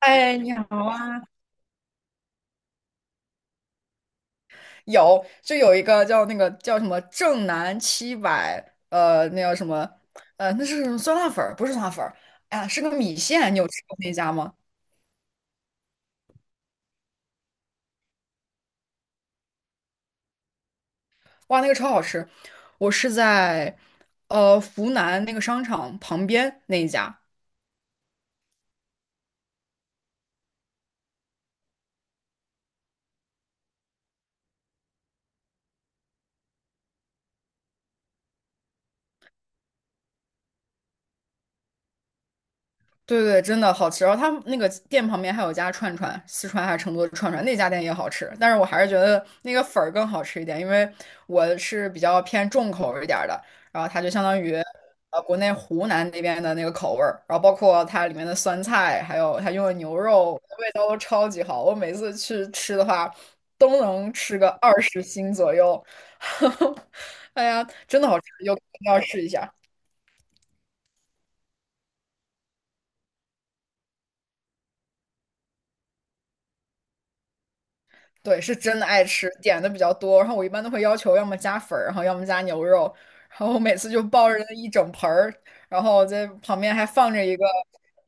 哎，你好啊！有，就有一个叫那个叫什么正南七百，那叫什么，那是什么酸辣粉儿？不是酸辣粉儿，哎呀，是个米线。你有吃过那家吗？哇，那个超好吃！我是在湖南那个商场旁边那一家，对对，真的好吃。然后他们那个店旁边还有家串串，四川还是成都的串串，那家店也好吃。但是我还是觉得那个粉儿更好吃一点，因为我是比较偏重口味一点儿的。然后它就相当于国内湖南那边的那个口味儿，然后包括它里面的酸菜，还有它用的牛肉，味道都超级好。我每次去吃的话，都能吃个20斤左右。哎呀，真的好吃，有空一定要试一下。对，是真的爱吃，点的比较多。然后我一般都会要求要么加粉儿，然后要么加牛肉。然后我每次就抱着那一整盆儿，然后在旁边还放着一个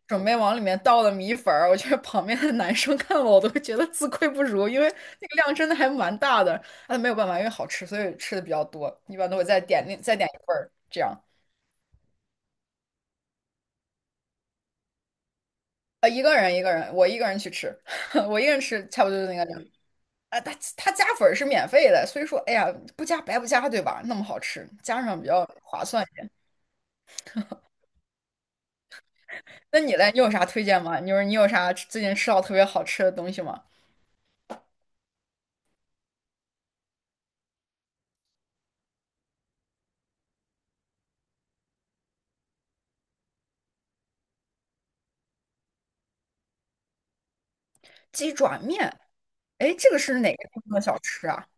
准备往里面倒的米粉儿。我觉得旁边的男生看我，我都会觉得自愧不如，因为那个量真的还蛮大的。但没有办法，因为好吃，所以吃的比较多。一般都会再点另再点一份儿，这样。一个人一个人，我一个人去吃，我一个人吃差不多就那个量。啊，它加粉儿是免费的，所以说，哎呀，不加白不加，对吧？那么好吃，加上比较划算一点。那你嘞，你有啥推荐吗？你说你有啥最近吃到特别好吃的东西吗？鸡爪面，哎，这个是哪个地方的小吃啊？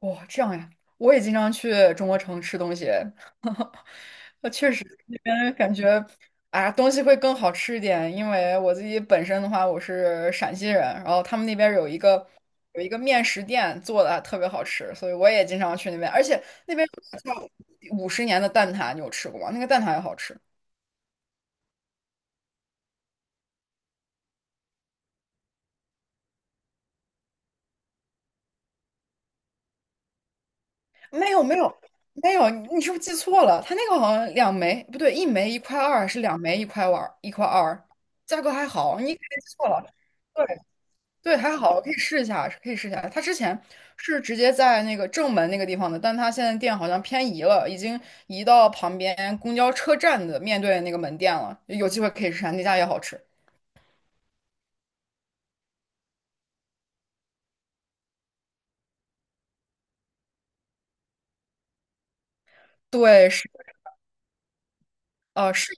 哇，这样呀，我也经常去中国城吃东西，确实那边感觉，啊，东西会更好吃一点，因为我自己本身的话，我是陕西人，然后他们那边有一个面食店做的特别好吃，所以我也经常去那边，而且那边有个叫五十年的蛋挞，你有吃过吗？那个蛋挞也好吃。没有没有没有，你是不是记错了？它那个好像两枚，不对，一枚一块二，是两枚一块二，一块二，价格还好，你可能记错了。对对，还好，可以试一下，可以试一下。它之前是直接在那个正门那个地方的，但它现在店好像偏移了，已经移到旁边公交车站的面对那个门店了。有机会可以试试，那家也好吃。对，是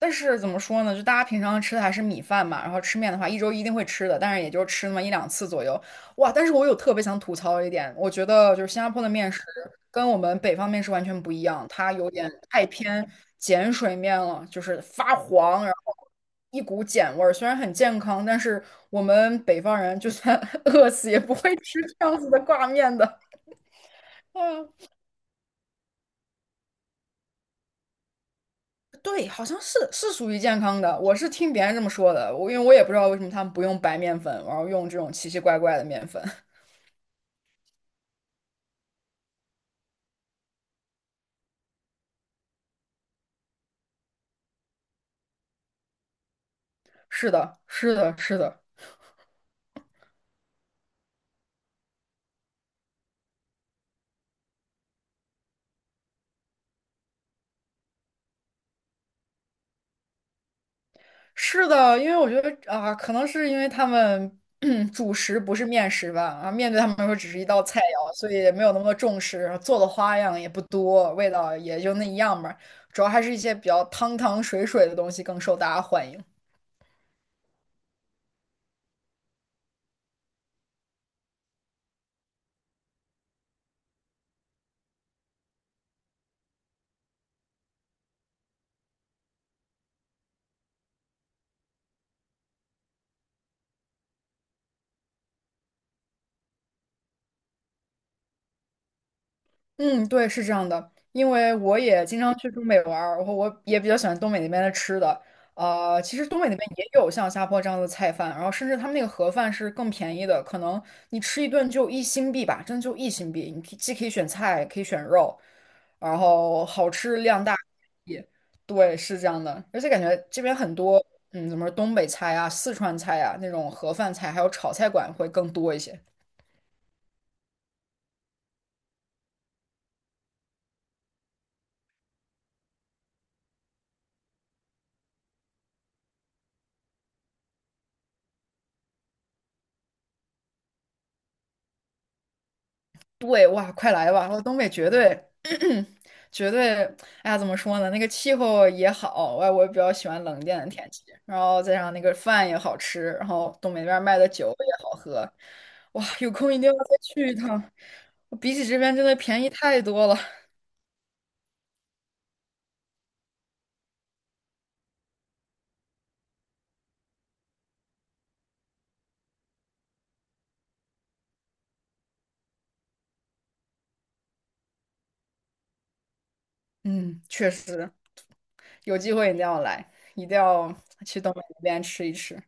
但是怎么说呢？就大家平常吃的还是米饭嘛，然后吃面的话，一周一定会吃的，但是也就吃那么一两次左右。哇！但是我有特别想吐槽一点，我觉得就是新加坡的面食跟我们北方面食完全不一样，它有点太偏碱水面了，就是发黄，然后一股碱味儿。虽然很健康，但是我们北方人就算 饿死也不会吃这样子的挂面的。嗯。对，好像是是属于健康的。我是听别人这么说的，我因为我也不知道为什么他们不用白面粉，然后用这种奇奇怪怪的面粉。是的，是的，是的，是的。因为我觉得啊、可能是因为他们 主食不是面食吧，啊，面对他们来说只是一道菜肴，所以也没有那么多重视，然后做的花样也不多，味道也就那一样吧。主要还是一些比较汤汤水水的东西更受大家欢迎。嗯，对，是这样的，因为我也经常去东北玩儿，然后我也比较喜欢东北那边的吃的。其实东北那边也有像下坡这样的菜饭，然后甚至他们那个盒饭是更便宜的，可能你吃一顿就一新币吧，真的就一新币。你可以既可以选菜，可以选肉，然后好吃量大。也对，是这样的，而且感觉这边很多，嗯，怎么说东北菜啊、四川菜啊那种盒饭菜，还有炒菜馆会更多一些。对，哇，快来吧！我东北绝对，绝对，哎呀，怎么说呢？那个气候也好，我也比较喜欢冷一点的天气，然后再上那个饭也好吃，然后东北那边卖的酒也好喝，哇，有空一定要再去一趟，比起这边真的便宜太多了。嗯，确实。有机会一定要来，一定要去东北那边吃一吃。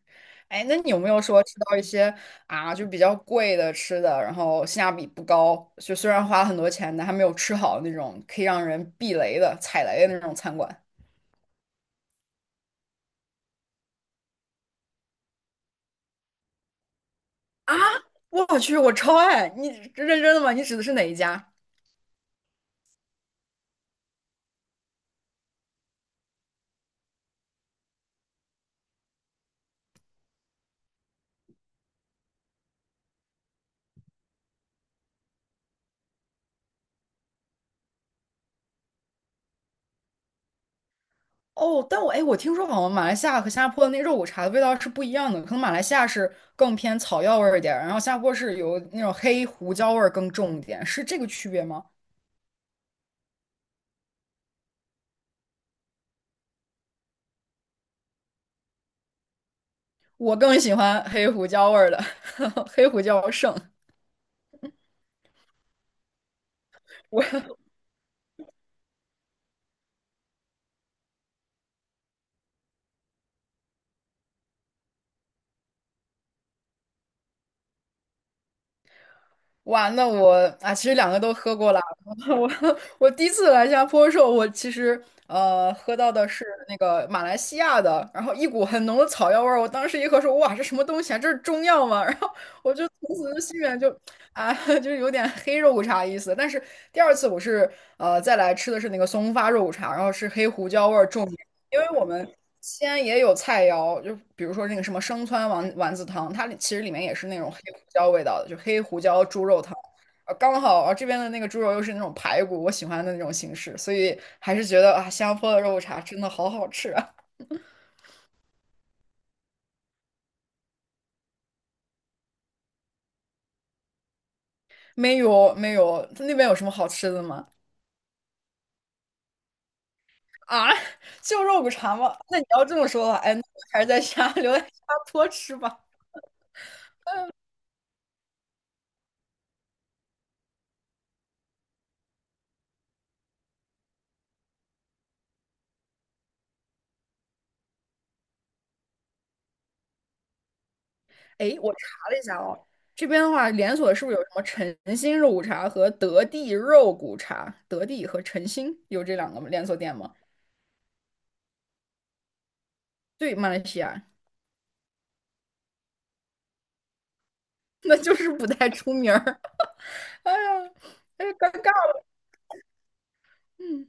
哎，那你有没有说吃到一些啊，就比较贵的吃的，然后性价比不高，就虽然花了很多钱，但还没有吃好那种可以让人避雷的、踩雷的那种餐馆？我去，我超爱！你认真的吗？你指的是哪一家？哦，但我哎，我听说好像马来西亚和新加坡的那肉骨茶的味道是不一样的，可能马来西亚是更偏草药味儿一点儿，然后新加坡是有那种黑胡椒味儿更重一点，是这个区别吗？我更喜欢黑胡椒味儿的，黑胡椒胜。我完了，那我啊，其实两个都喝过了。我我第一次来新加坡的时候，我其实喝到的是那个马来西亚的，然后一股很浓的草药味儿。我当时一喝说，哇，这什么东西啊？这是中药吗？然后我就从此就心里面就啊，就是有点黑肉骨茶意思。但是第二次我是再来吃的是那个松花肉骨茶，然后是黑胡椒味儿重。因为我们西安也有菜肴，就比如说那个什么生汆丸丸子汤，其实里面也是那种黑胡椒味道的，就黑胡椒猪肉汤。刚好啊这边的那个猪肉又是那种排骨，我喜欢的那种形式，所以还是觉得啊，新加坡的肉骨茶真的好好吃啊。没有没有，那边有什么好吃的吗？啊，就肉骨茶吗？那你要这么说的话，哎，那我还是在家留在新加坡吃吧。哎，我查了一下哦，这边的话，连锁是不是有什么晨兴肉骨茶和德地肉骨茶？德地和晨兴有这两个连锁店吗？对，马来西亚，那就是不太出名儿。哎呀，哎呀，尴尬了。嗯，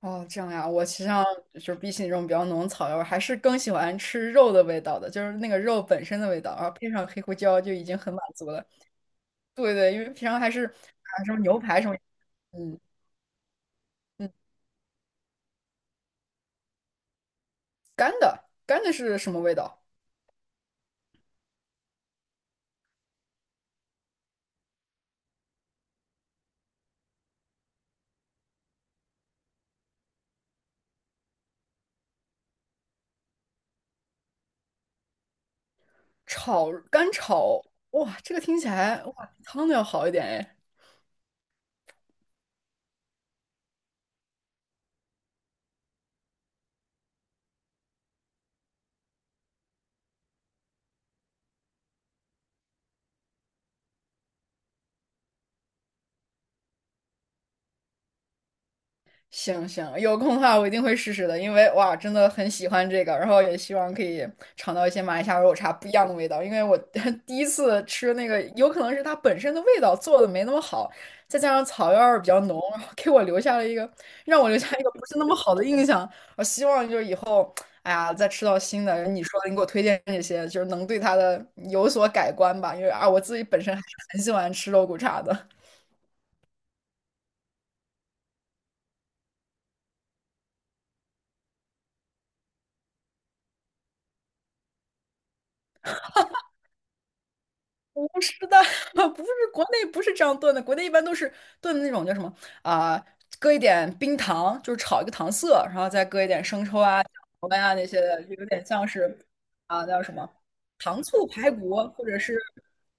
哦，这样呀，我其实上就是比起那种比较浓的草药味儿还是更喜欢吃肉的味道的，就是那个肉本身的味道，然后配上黑胡椒就已经很满足了。对对，因为平常还是啊什么牛排什么，嗯嗯，干的干的是什么味道？炒干炒，哇，这个听起来哇，比汤的要好一点哎。行行，有空的话我一定会试试的，因为哇，真的很喜欢这个，然后也希望可以尝到一些马来西亚肉茶不一样的味道，因为我 第一次吃那个，有可能是它本身的味道做的没那么好，再加上草药味儿比较浓，然后给我留下了一个让我留下一个不是那么好的印象。我希望就是以后，哎呀，再吃到新的，你说的你给我推荐这些，就是能对它的有所改观吧，因为啊，我自己本身还是很喜欢吃肉骨茶的。不是的，不是国内不是这样炖的，国内一般都是炖的那种叫什么啊、搁一点冰糖，就是炒一个糖色，然后再搁一点生抽啊、酱油啊那些的，就有点像是啊、叫什么糖醋排骨或者是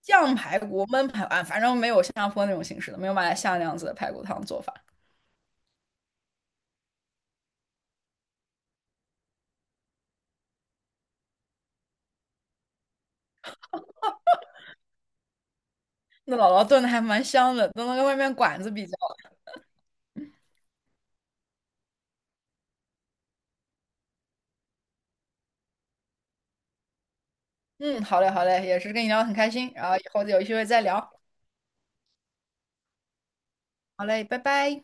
酱排骨、焖排骨啊，反正没有新加坡那种形式的，没有马来西亚那样子的排骨汤做法。那姥姥炖的还蛮香的，都能跟外面馆子比较。嗯，好嘞，好嘞，也是跟你聊得很开心，然后以后有机会再聊。好嘞，拜拜。